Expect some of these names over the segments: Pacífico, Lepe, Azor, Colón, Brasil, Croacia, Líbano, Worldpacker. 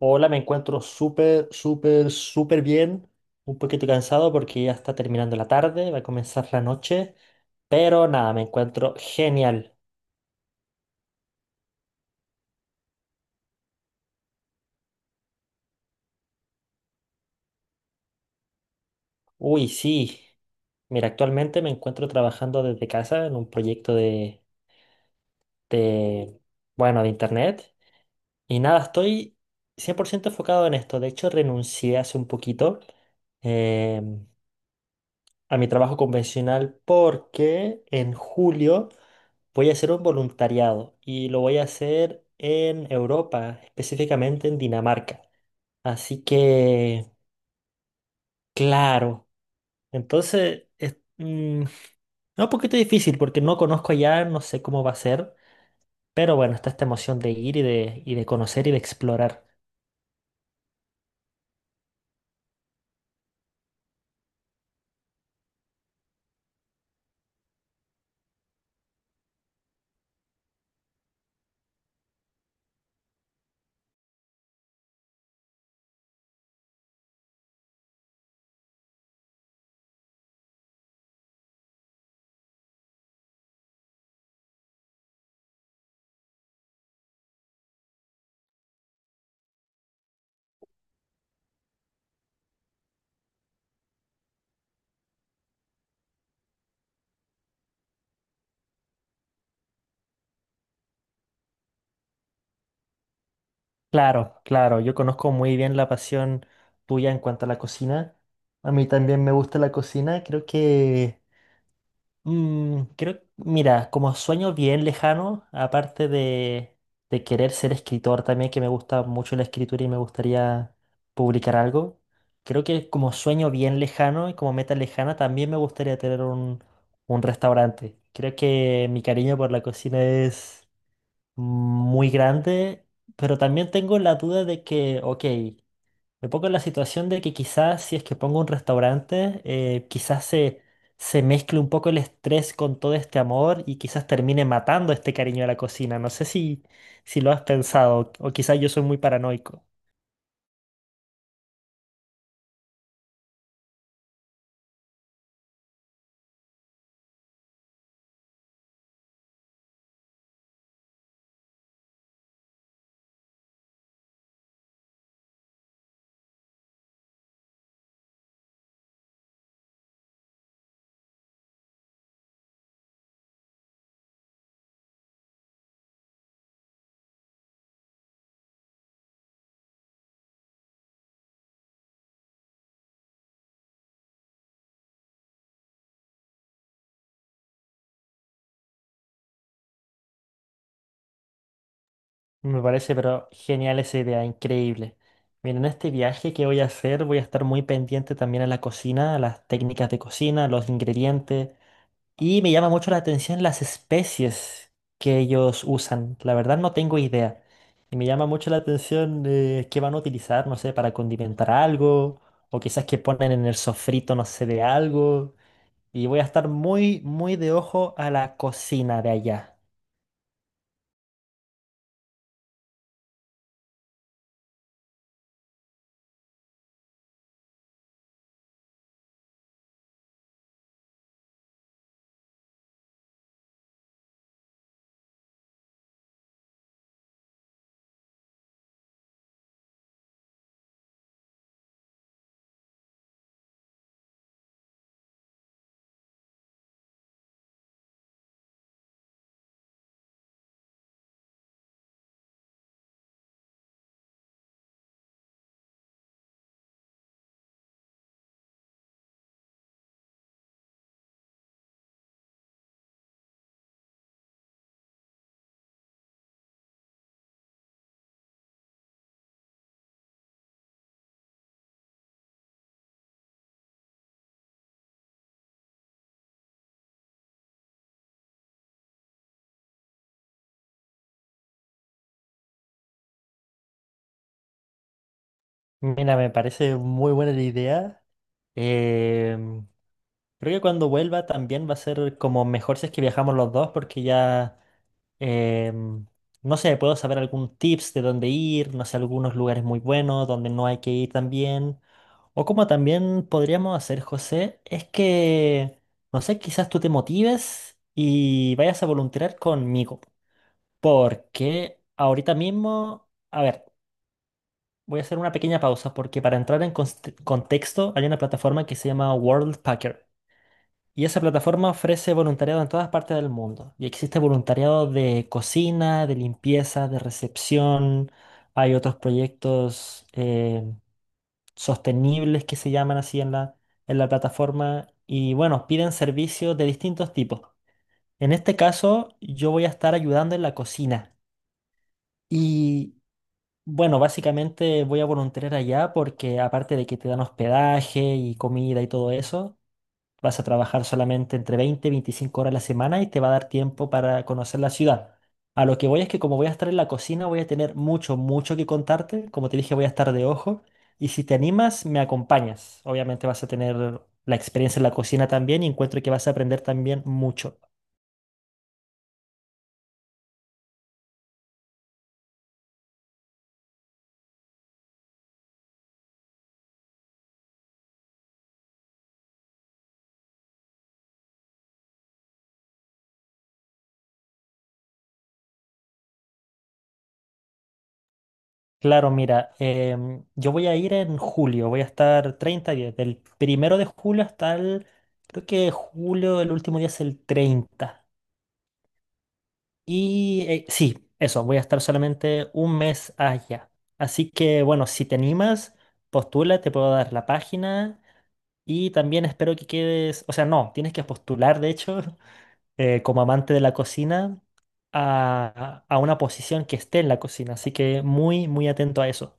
Hola, me encuentro súper, súper, súper bien. Un poquito cansado porque ya está terminando la tarde, va a comenzar la noche. Pero nada, me encuentro genial. Uy, sí. Mira, actualmente me encuentro trabajando desde casa en un proyecto de, bueno, de internet. Y nada, estoy 100% enfocado en esto. De hecho, renuncié hace un poquito em, a mi trabajo convencional porque en julio voy a hacer un voluntariado y lo voy a hacer en Europa, específicamente en Dinamarca. Así que, claro. Entonces, es un poquito difícil porque no conozco allá, no sé cómo va a ser, pero bueno, está esta emoción de ir y de conocer y de explorar. Claro, claro, yo conozco muy bien la pasión tuya en cuanto a la cocina. A mí también me gusta la cocina, creo que... Mm, creo, mira, como sueño bien lejano, de querer ser escritor también, que me gusta mucho la escritura y me gustaría publicar algo, creo que como sueño bien lejano y como meta lejana también me gustaría tener un restaurante. Creo que mi cariño por la cocina es muy grande, pero también tengo la duda de que, ok, me pongo en la situación de que quizás si es que pongo un restaurante, se mezcle un poco el estrés con todo este amor y quizás termine matando este cariño a la cocina. No sé si lo has pensado o quizás yo soy muy paranoico. Me parece, pero genial esa idea, increíble. Miren, en este viaje que voy a hacer voy a estar muy pendiente también a la cocina, a las técnicas de cocina, a los ingredientes. Y me llama mucho la atención las especies que ellos usan. La verdad no tengo idea. Y me llama mucho la atención qué van a utilizar, no sé, para condimentar algo. O quizás que ponen en el sofrito, no sé, de algo. Y voy a estar muy, muy de ojo a la cocina de allá. Mira, me parece muy buena la idea. Em, Creo que cuando vuelva también va a ser como mejor si es que viajamos los dos porque ya... Em, no sé, puedo saber algún tips de dónde ir, no sé, algunos lugares muy buenos donde no hay que ir también. O como también podríamos hacer, José, es que, no sé, quizás tú te motives y vayas a voluntariar conmigo. Porque ahorita mismo, a ver, voy a hacer una pequeña pausa porque para entrar en contexto hay una plataforma que se llama Worldpacker. Y esa plataforma ofrece voluntariado en todas partes del mundo. Y existe voluntariado de cocina, de limpieza, de recepción. Hay otros proyectos sostenibles que se llaman así en en la plataforma. Y bueno, piden servicios de distintos tipos. En este caso, yo voy a estar ayudando en la cocina. Y bueno, básicamente voy a voluntariar allá porque aparte de que te dan hospedaje y comida y todo eso. Vas a trabajar solamente entre 20 y 25 horas a la semana y te va a dar tiempo para conocer la ciudad. A lo que voy es que como voy a estar en la cocina, voy a tener mucho, mucho que contarte. Como te dije, voy a estar de ojo. Y si te animas, me acompañas. Obviamente vas a tener la experiencia en la cocina también y encuentro que vas a aprender también mucho. Claro, mira, yo voy a ir en julio, voy a estar 30 días, del primero de julio hasta creo que julio, el último día es el 30. Y sí, eso, voy a estar solamente un mes allá. Así que bueno, si te animas, postula, te puedo dar la página y también espero que quedes, o sea, no, tienes que postular, de hecho, como amante de la cocina, a una posición que esté en la cocina. Así que muy, muy atento a eso.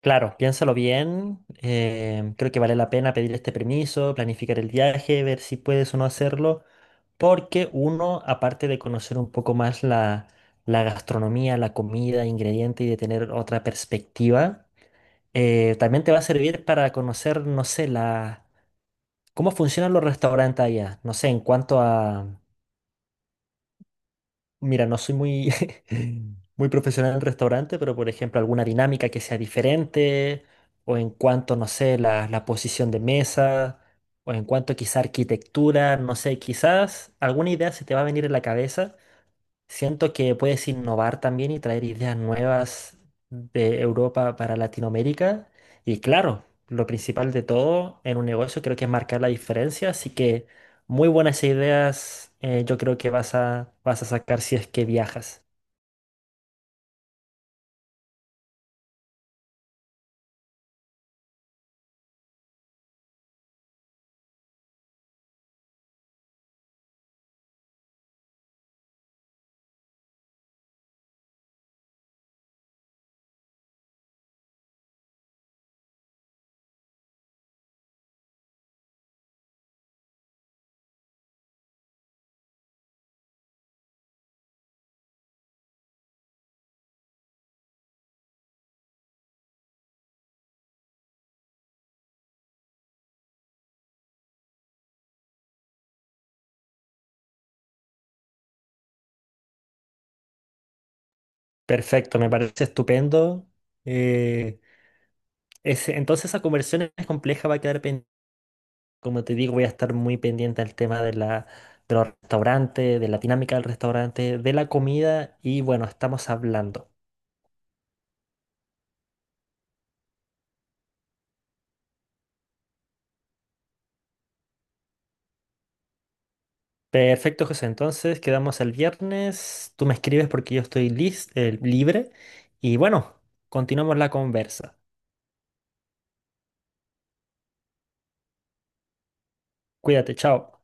Claro, piénsalo bien. Creo que vale la pena pedir este permiso, planificar el viaje, ver si puedes o no hacerlo, porque uno, aparte de conocer un poco más la gastronomía, la comida, ingrediente y de tener otra perspectiva, también te va a servir para conocer, no sé, la, cómo funcionan los restaurantes allá. No sé, en cuanto a... Mira, no soy muy, muy profesional en el restaurante, pero por ejemplo, alguna dinámica que sea diferente, o en cuanto, no sé, la posición de mesa, o en cuanto quizá arquitectura, no sé, quizás alguna idea se te va a venir en la cabeza. Siento que puedes innovar también y traer ideas nuevas de Europa para Latinoamérica. Y claro, lo principal de todo en un negocio creo que es marcar la diferencia. Así que muy buenas ideas, yo creo que vas a sacar si es que viajas. Perfecto, me parece estupendo. Eh, entonces esa conversión es compleja, va a quedar pendiente. Como te digo, voy a estar muy pendiente al tema de de los restaurantes, de la dinámica del restaurante, de la comida y bueno, estamos hablando. Perfecto, José. Entonces quedamos el viernes. Tú me escribes porque yo estoy libre. Y bueno, continuamos la conversa. Cuídate, chao.